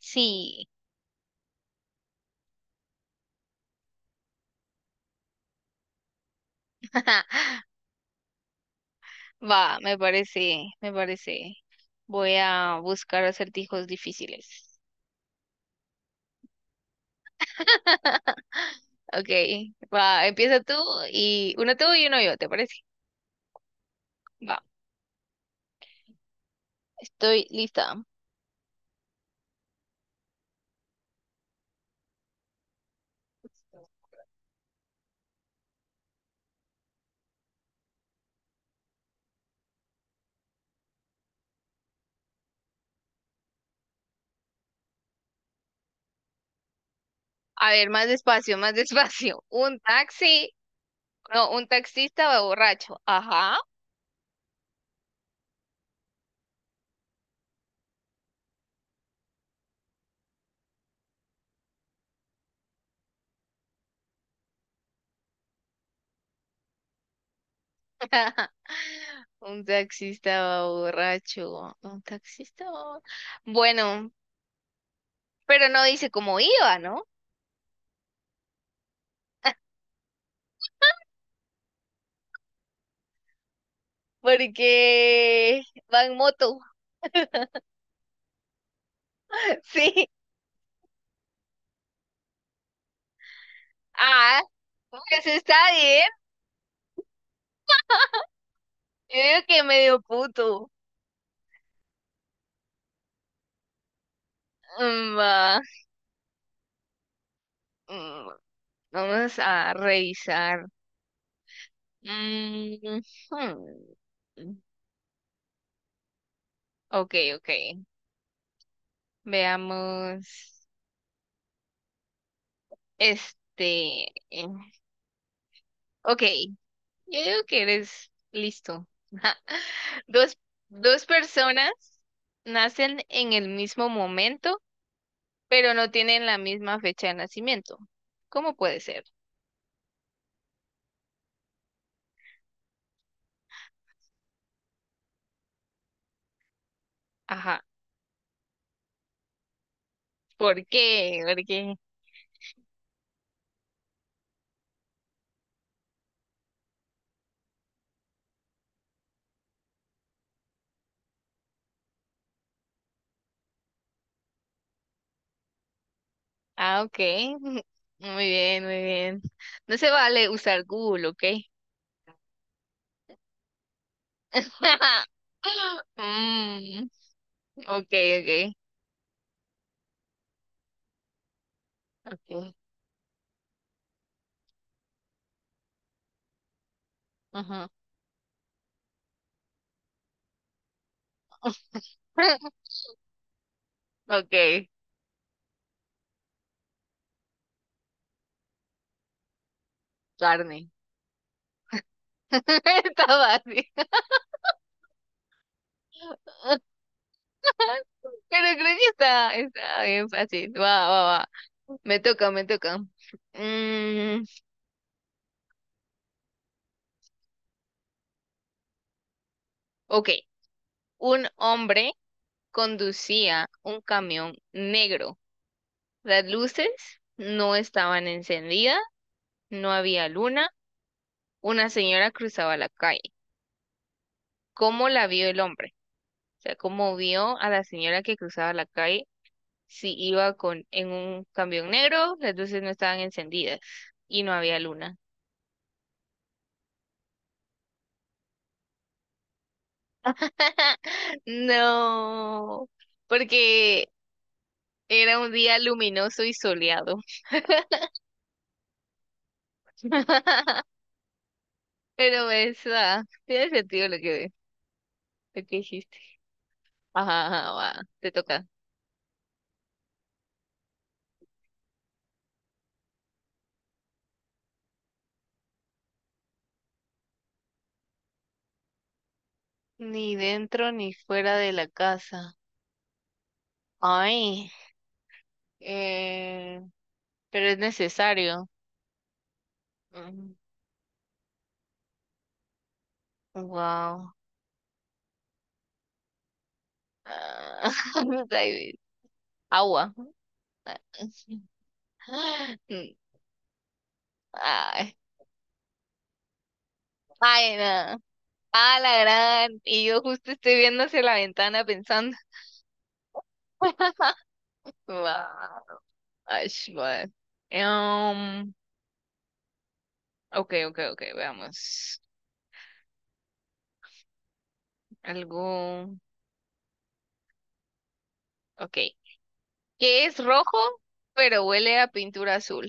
Sí, va, me parece, me parece. Voy a buscar acertijos difíciles. Ok, va, empieza tú y uno yo, ¿te parece? Va, estoy lista. A ver, más despacio, más despacio. Un taxi, no, un taxista va borracho. Ajá. Un taxista va borracho. Un taxista va. Bueno, pero no dice cómo iba, ¿no? Porque va en moto. Sí. Ah, pues está bien. Yo digo que medio puto. Va. Mm, Vamos a revisar. Mm, hmm. Ok, ok. Veamos. Este. eh, Ok. Yo digo que eres listo. Dos, dos personas nacen en el mismo momento, pero no tienen la misma fecha de nacimiento. ¿Cómo puede ser? Ajá. ¿Por qué? ¿Por qué? Ah, ok. Muy bien, muy bien. No se vale usar Google, ¿ok? Mm, ok, ok. Ok. Ajá. Ok, carne. Está fácil. Pero creo que está bien fácil. Va, va, va. Me toca, me toca. Mm, ok. Un hombre conducía un camión negro. Las luces no estaban encendidas, no había luna. Una señora cruzaba la calle. ¿Cómo la vio el hombre? O sea, ¿cómo vio a la señora que cruzaba la calle si iba con en un camión negro, las luces no estaban encendidas y no había luna? No, porque era un día luminoso y soleado. Pero esa tiene sentido lo que dijiste. Ajá, ajá, va, te toca. Ni dentro ni fuera de la casa. Ay, eh, pero es necesario. Wow. Agua. Ah, Mm, ay, ay, no. Ah, la gran. Y yo justo estoy viendo hacia la ventana pensando. Wow. Ash, bueno. Em, ok, ok, ok, veamos. Algo. Ok, que es rojo, pero huele a pintura azul.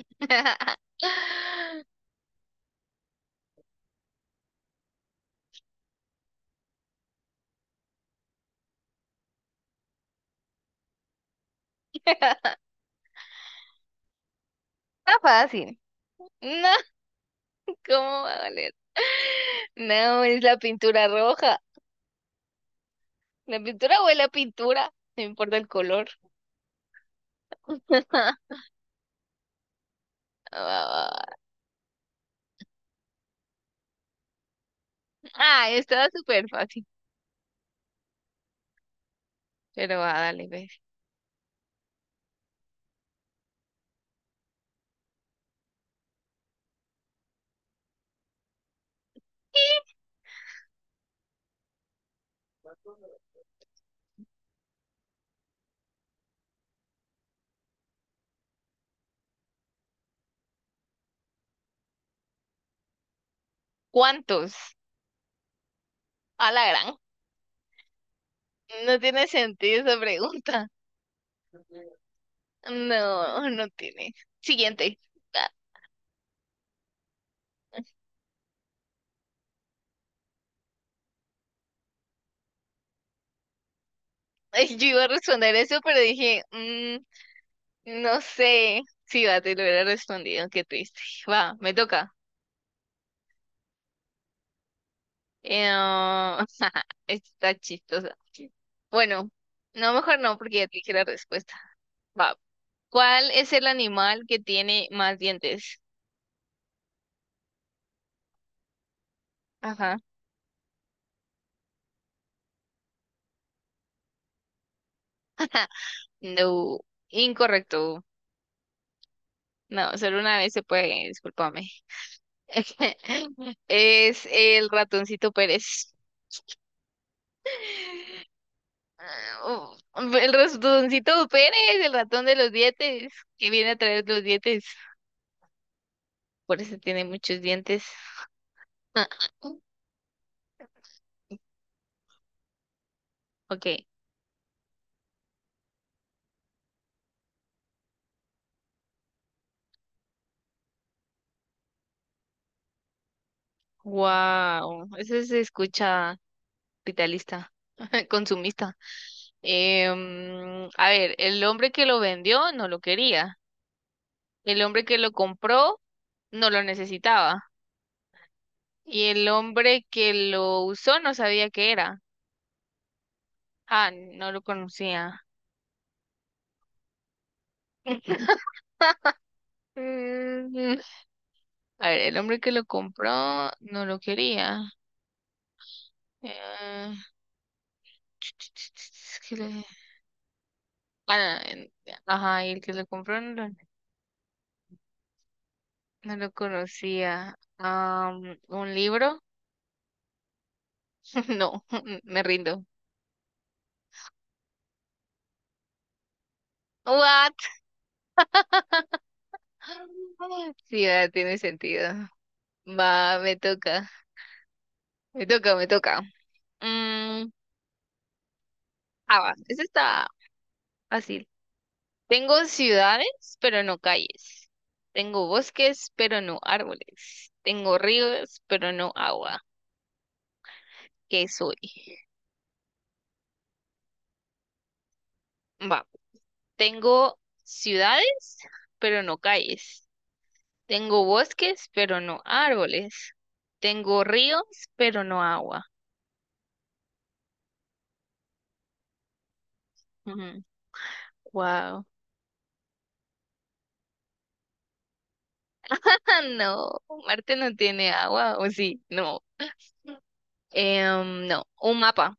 Está fácil. No, ¿cómo va a valer? No, es la pintura roja. La pintura huele a pintura, no importa el color. Va, va, va. Ah, estaba súper fácil. Pero va, dale, ve. ¿Cuántos? A la gran. No tiene sentido esa pregunta. No, no tiene. Siguiente. Ah, yo iba a responder eso, pero dije, no sé. Sí, va, te lo hubiera respondido. Qué triste. Va, me toca. Ah, está chistosa. Bueno, no, mejor no, porque ya te dije la respuesta. Va. ¿Cuál es el animal que tiene más dientes? Ajá. No, incorrecto. No, solo una vez se puede, discúlpame. Es el ratoncito Pérez. Ah, oh, el ratoncito Pérez, el ratón de los dientes, que viene a traer los dientes. Por eso tiene muchos dientes. Ok. Wow. Eso se escucha capitalista, consumista. A ver, el hombre que lo vendió no lo quería. El hombre que lo compró no lo necesitaba. Y el hombre que lo usó no sabía qué era. Ah, no lo conocía. Mm, a ver, el hombre que lo compró no lo quería. Eh, Bueno, ajá, y el que lo compró no lo, no lo conocía. ¿Un libro? No, me rindo. What? Sí, ah, tiene sentido. Va, me toca, me toca, me toca. Mm, ah, va, eso está fácil. Tengo ciudades, pero no calles. Tengo bosques, pero no árboles. Tengo ríos, pero no agua. ¿Qué soy? Va, tengo ciudades, pero no calles. Tengo bosques, pero no árboles. Tengo ríos, pero no agua. Wow. No, Marte no tiene agua, ¿o sí? No. No, un mapa.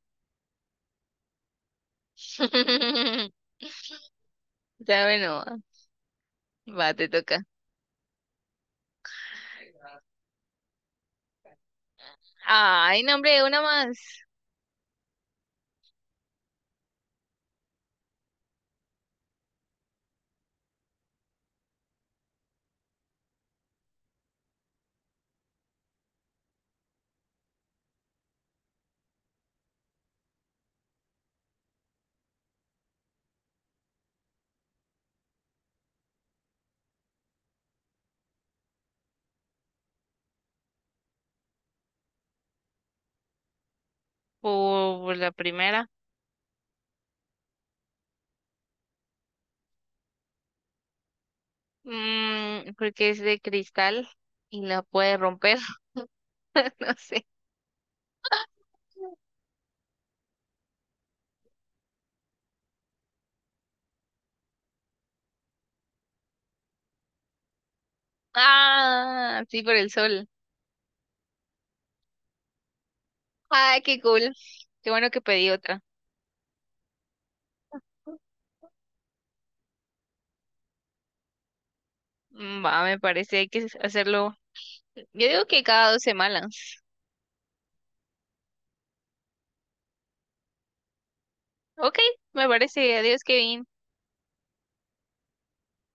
¿Sabe? No. Va, te toca. Ay, nombre, una más. Por la primera. Porque es de cristal y la puede romper. No sé. Ah, sí, por el sol. Ay, qué cool. Qué bueno que pedí otra. Va, me parece, hay que hacerlo. Yo digo que cada 2 semanas. Ok, me parece. Adiós, Kevin.